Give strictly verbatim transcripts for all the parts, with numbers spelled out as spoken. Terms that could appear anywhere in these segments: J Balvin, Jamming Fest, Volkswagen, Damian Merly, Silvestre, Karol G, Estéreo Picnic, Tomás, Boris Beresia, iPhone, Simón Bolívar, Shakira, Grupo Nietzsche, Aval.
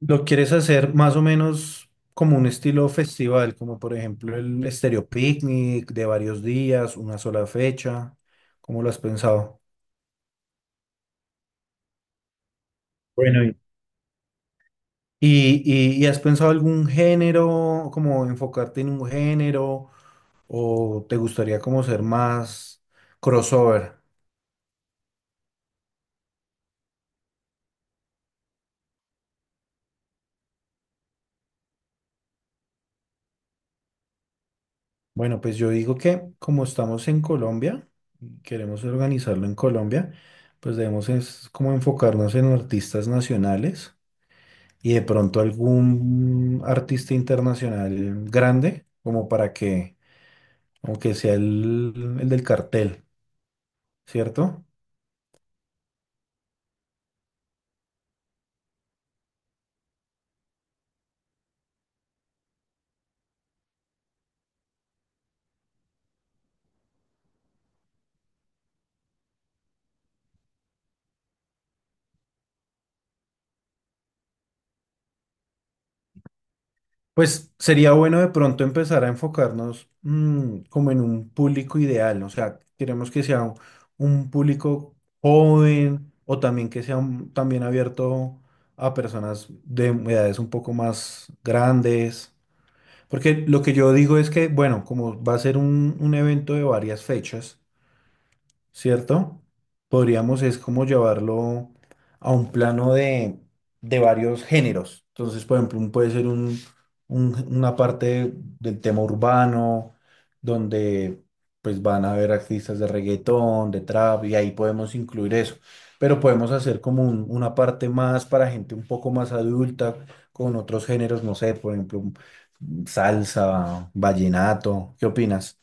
Lo quieres hacer más o menos como un estilo festival, como por ejemplo el estéreo Picnic de varios días, una sola fecha. ¿Cómo lo has pensado? Bueno, ¿y, y, y y has pensado algún género, como enfocarte en un género, o te gustaría como ser más crossover? Bueno, pues yo digo que como estamos en Colombia, y queremos organizarlo en Colombia, pues debemos es como enfocarnos en artistas nacionales y de pronto algún artista internacional grande, como para que, aunque sea el, el del cartel, ¿cierto? Pues sería bueno de pronto empezar a enfocarnos mm, como en un público ideal, o sea, queremos que sea un, un público joven o también que sea un- también abierto a personas de edades un poco más grandes, porque lo que yo digo es que, bueno, como va a ser un un evento de varias fechas, ¿cierto? Podríamos es como llevarlo a un plano de, de varios géneros. Entonces, por ejemplo, un- puede ser un, un- una parte del tema urbano, donde pues van a haber artistas de reggaetón, de trap, y ahí podemos incluir eso. Pero podemos hacer como un- una parte más para gente un poco más adulta, con otros géneros, no sé, por ejemplo, salsa, vallenato. ¿Qué opinas?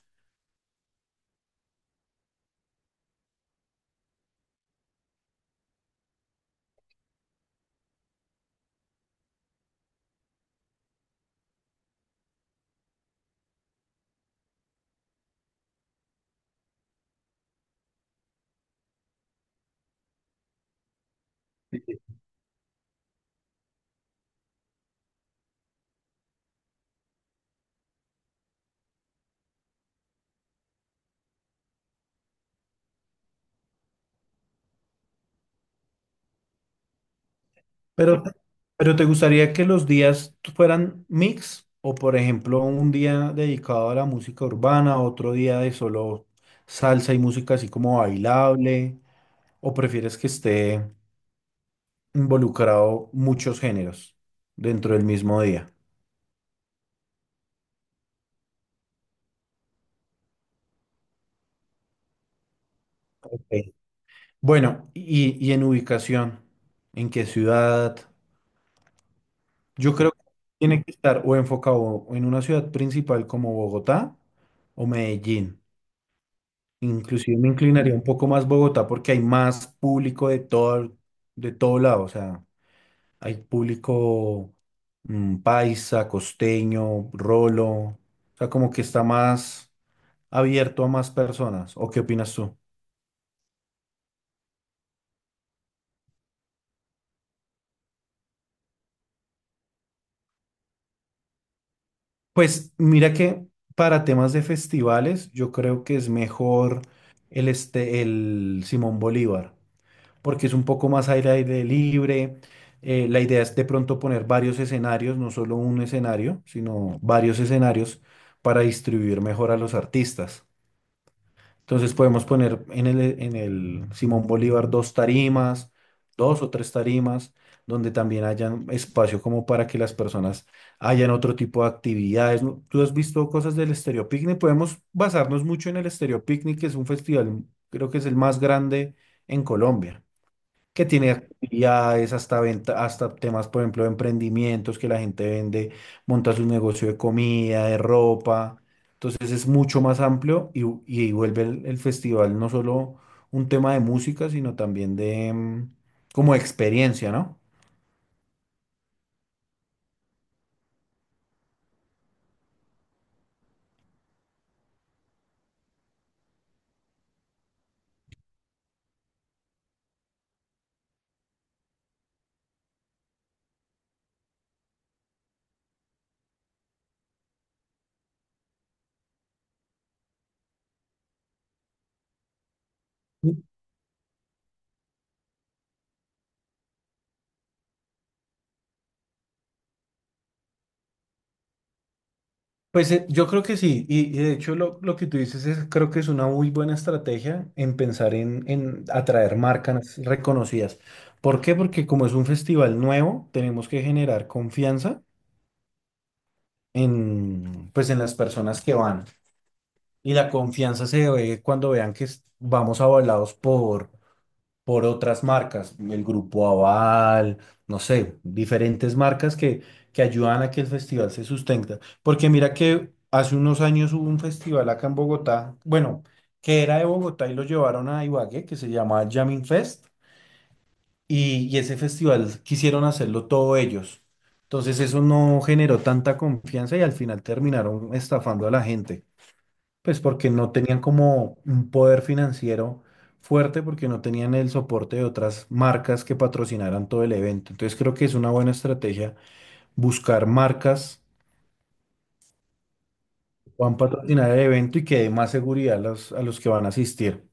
Pero, pero ¿te gustaría que los días fueran mix? O por ejemplo, un día dedicado a la música urbana, otro día de solo salsa y música así como bailable, o prefieres que esté involucrado muchos géneros dentro del mismo día? Ok. Bueno, y, y en ubicación, ¿en qué ciudad? Yo creo que tiene que estar o enfocado en una ciudad principal como Bogotá o Medellín. Inclusive me inclinaría un poco más Bogotá porque hay más público de todo, de todo lado. O sea, hay público mm, paisa, costeño, rolo. O sea, como que está más abierto a más personas. ¿O qué opinas tú? Pues mira que para temas de festivales, yo creo que es mejor el, este, el Simón Bolívar. Porque es un poco más aire, aire libre. Eh, la idea es de pronto poner varios escenarios, no solo un escenario, sino varios escenarios para distribuir mejor a los artistas. Entonces podemos poner en el, en el Simón Bolívar dos tarimas, dos o tres tarimas, donde también hayan espacio como para que las personas hayan otro tipo de actividades. ¿No? ¿Tú has visto cosas del Estéreo Picnic? Podemos basarnos mucho en el Estéreo Picnic, que es un festival, creo que es el más grande en Colombia que tiene actividades, hasta venta, hasta temas, por ejemplo, de emprendimientos que la gente vende, monta su negocio de comida, de ropa. Entonces es mucho más amplio y, y vuelve el, el festival no solo un tema de música, sino también de mm, como experiencia, ¿no? Pues eh, yo creo que sí, y, y de hecho lo, lo que tú dices es, creo que es una muy buena estrategia en pensar en, en atraer marcas reconocidas. ¿Por qué? Porque como es un festival nuevo, tenemos que generar confianza en, pues en las personas que van. Y la confianza se ve cuando vean que es- vamos avalados por, por otras marcas, el grupo Aval, no sé, diferentes marcas que, que ayudan a que el festival se sustenta. Porque mira que hace unos años hubo un festival acá en Bogotá, bueno, que era de Bogotá y lo llevaron a Ibagué, que se llamaba Jamming Fest. Y, y ese festival quisieron hacerlo todo ellos. Entonces eso no generó tanta confianza y al final terminaron estafando a la gente. Pues porque no tenían como un poder financiero fuerte, porque no tenían el soporte de otras marcas que patrocinaran todo el evento. Entonces creo que es una buena estrategia buscar marcas que puedan patrocinar el evento y que dé más seguridad a los, a los que van a asistir.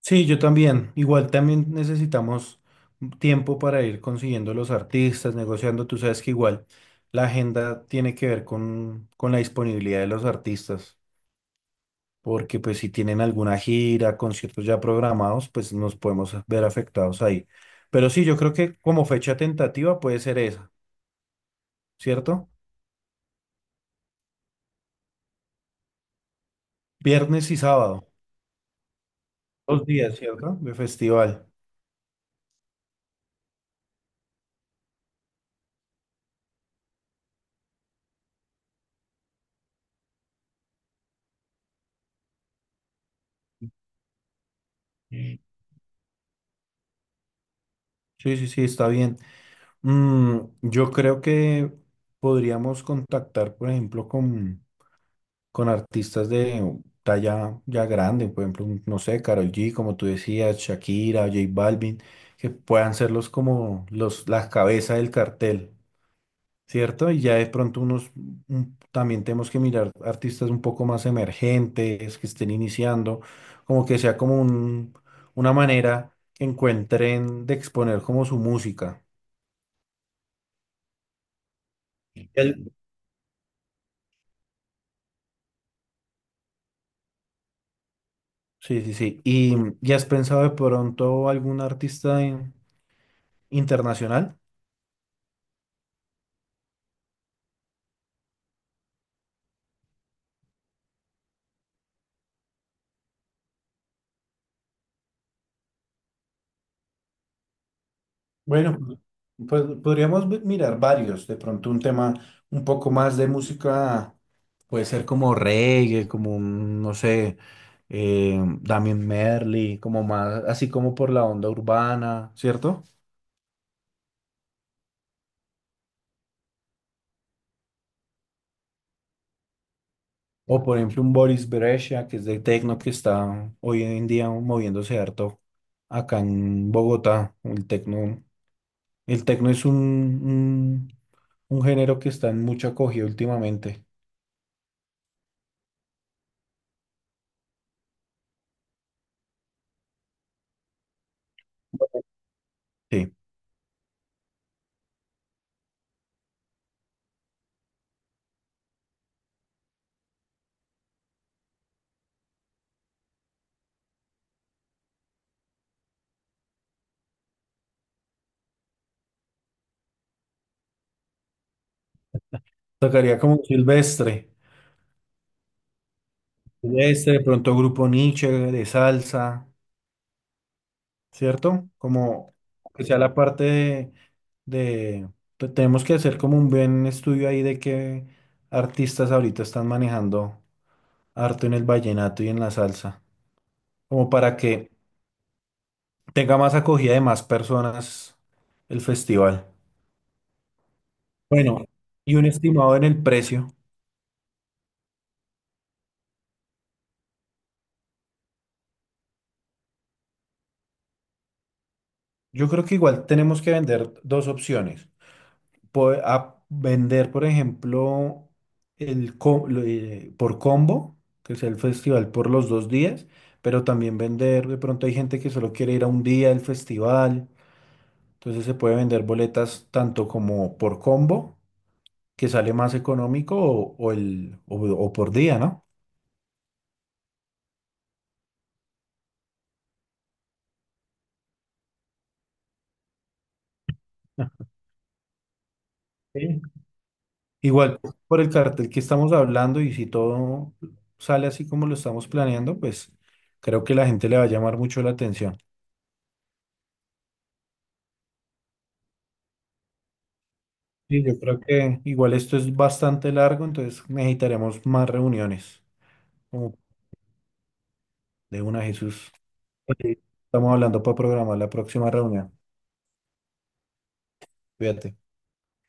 Sí, yo también. Igual también necesitamos tiempo para ir consiguiendo los artistas, negociando. Tú sabes que igual la agenda tiene que ver con, con la disponibilidad de los artistas, porque pues si tienen alguna gira, conciertos ya programados, pues nos podemos ver afectados ahí. Pero sí, yo creo que como fecha tentativa puede ser esa, ¿cierto? Viernes y sábado, dos días, ¿cierto? De festival. Sí, sí, sí, está bien. Mm, yo creo que podríamos contactar, por ejemplo, con, con artistas de talla ya grande, por ejemplo, un- no sé, Karol G, como tú decías, Shakira, J Balvin, que puedan ser los como los, las cabezas del cartel, ¿cierto? Y ya de pronto unos, un- también tenemos que mirar artistas un poco más emergentes, que estén iniciando, como que sea como un, una manera que encuentren de exponer como su música. Sí, sí, sí. ¿Y, y has pensado de pronto algún artista in- internacional? Bueno, pues pues, podríamos vi- mirar varios. De pronto un tema un poco más de música, puede ser como reggae, como un, no sé, eh, Damian Merly, como más, así como por la onda urbana, ¿cierto? O por ejemplo un Boris Beresia, que es de techno, que está hoy en día moviéndose harto acá en Bogotá, el techno. El tecno es un, un, un género que está en mucho acogido últimamente. Sí. Tocaría como Silvestre. Silvestre, de pronto Grupo Nietzsche, de salsa, ¿cierto? Como que sea la parte de, de- te- tenemos que hacer como un buen estudio ahí de qué artistas ahorita están manejando harto en el vallenato y en la salsa. Como para que tenga más acogida de más personas el festival. Bueno, y un estimado en el precio. Yo creo que igual tenemos que vender dos opciones. Po- a vender, por ejemplo, el co- lo- eh, por combo, que sea el festival por los dos días, pero también vender, de pronto hay gente que solo quiere ir a un día del festival, entonces se puede vender boletas tanto como por combo, que sale más económico, o, o el, o, o por día, ¿no? Sí. Igual, por el cartel que estamos hablando y si todo sale así como lo estamos planeando, pues creo que la gente le va a llamar mucho la atención. Sí, yo creo que igual esto es bastante largo, entonces necesitaremos más reuniones. Como de una, Jesús. Ok. Estamos hablando para programar la próxima reunión. Cuídate.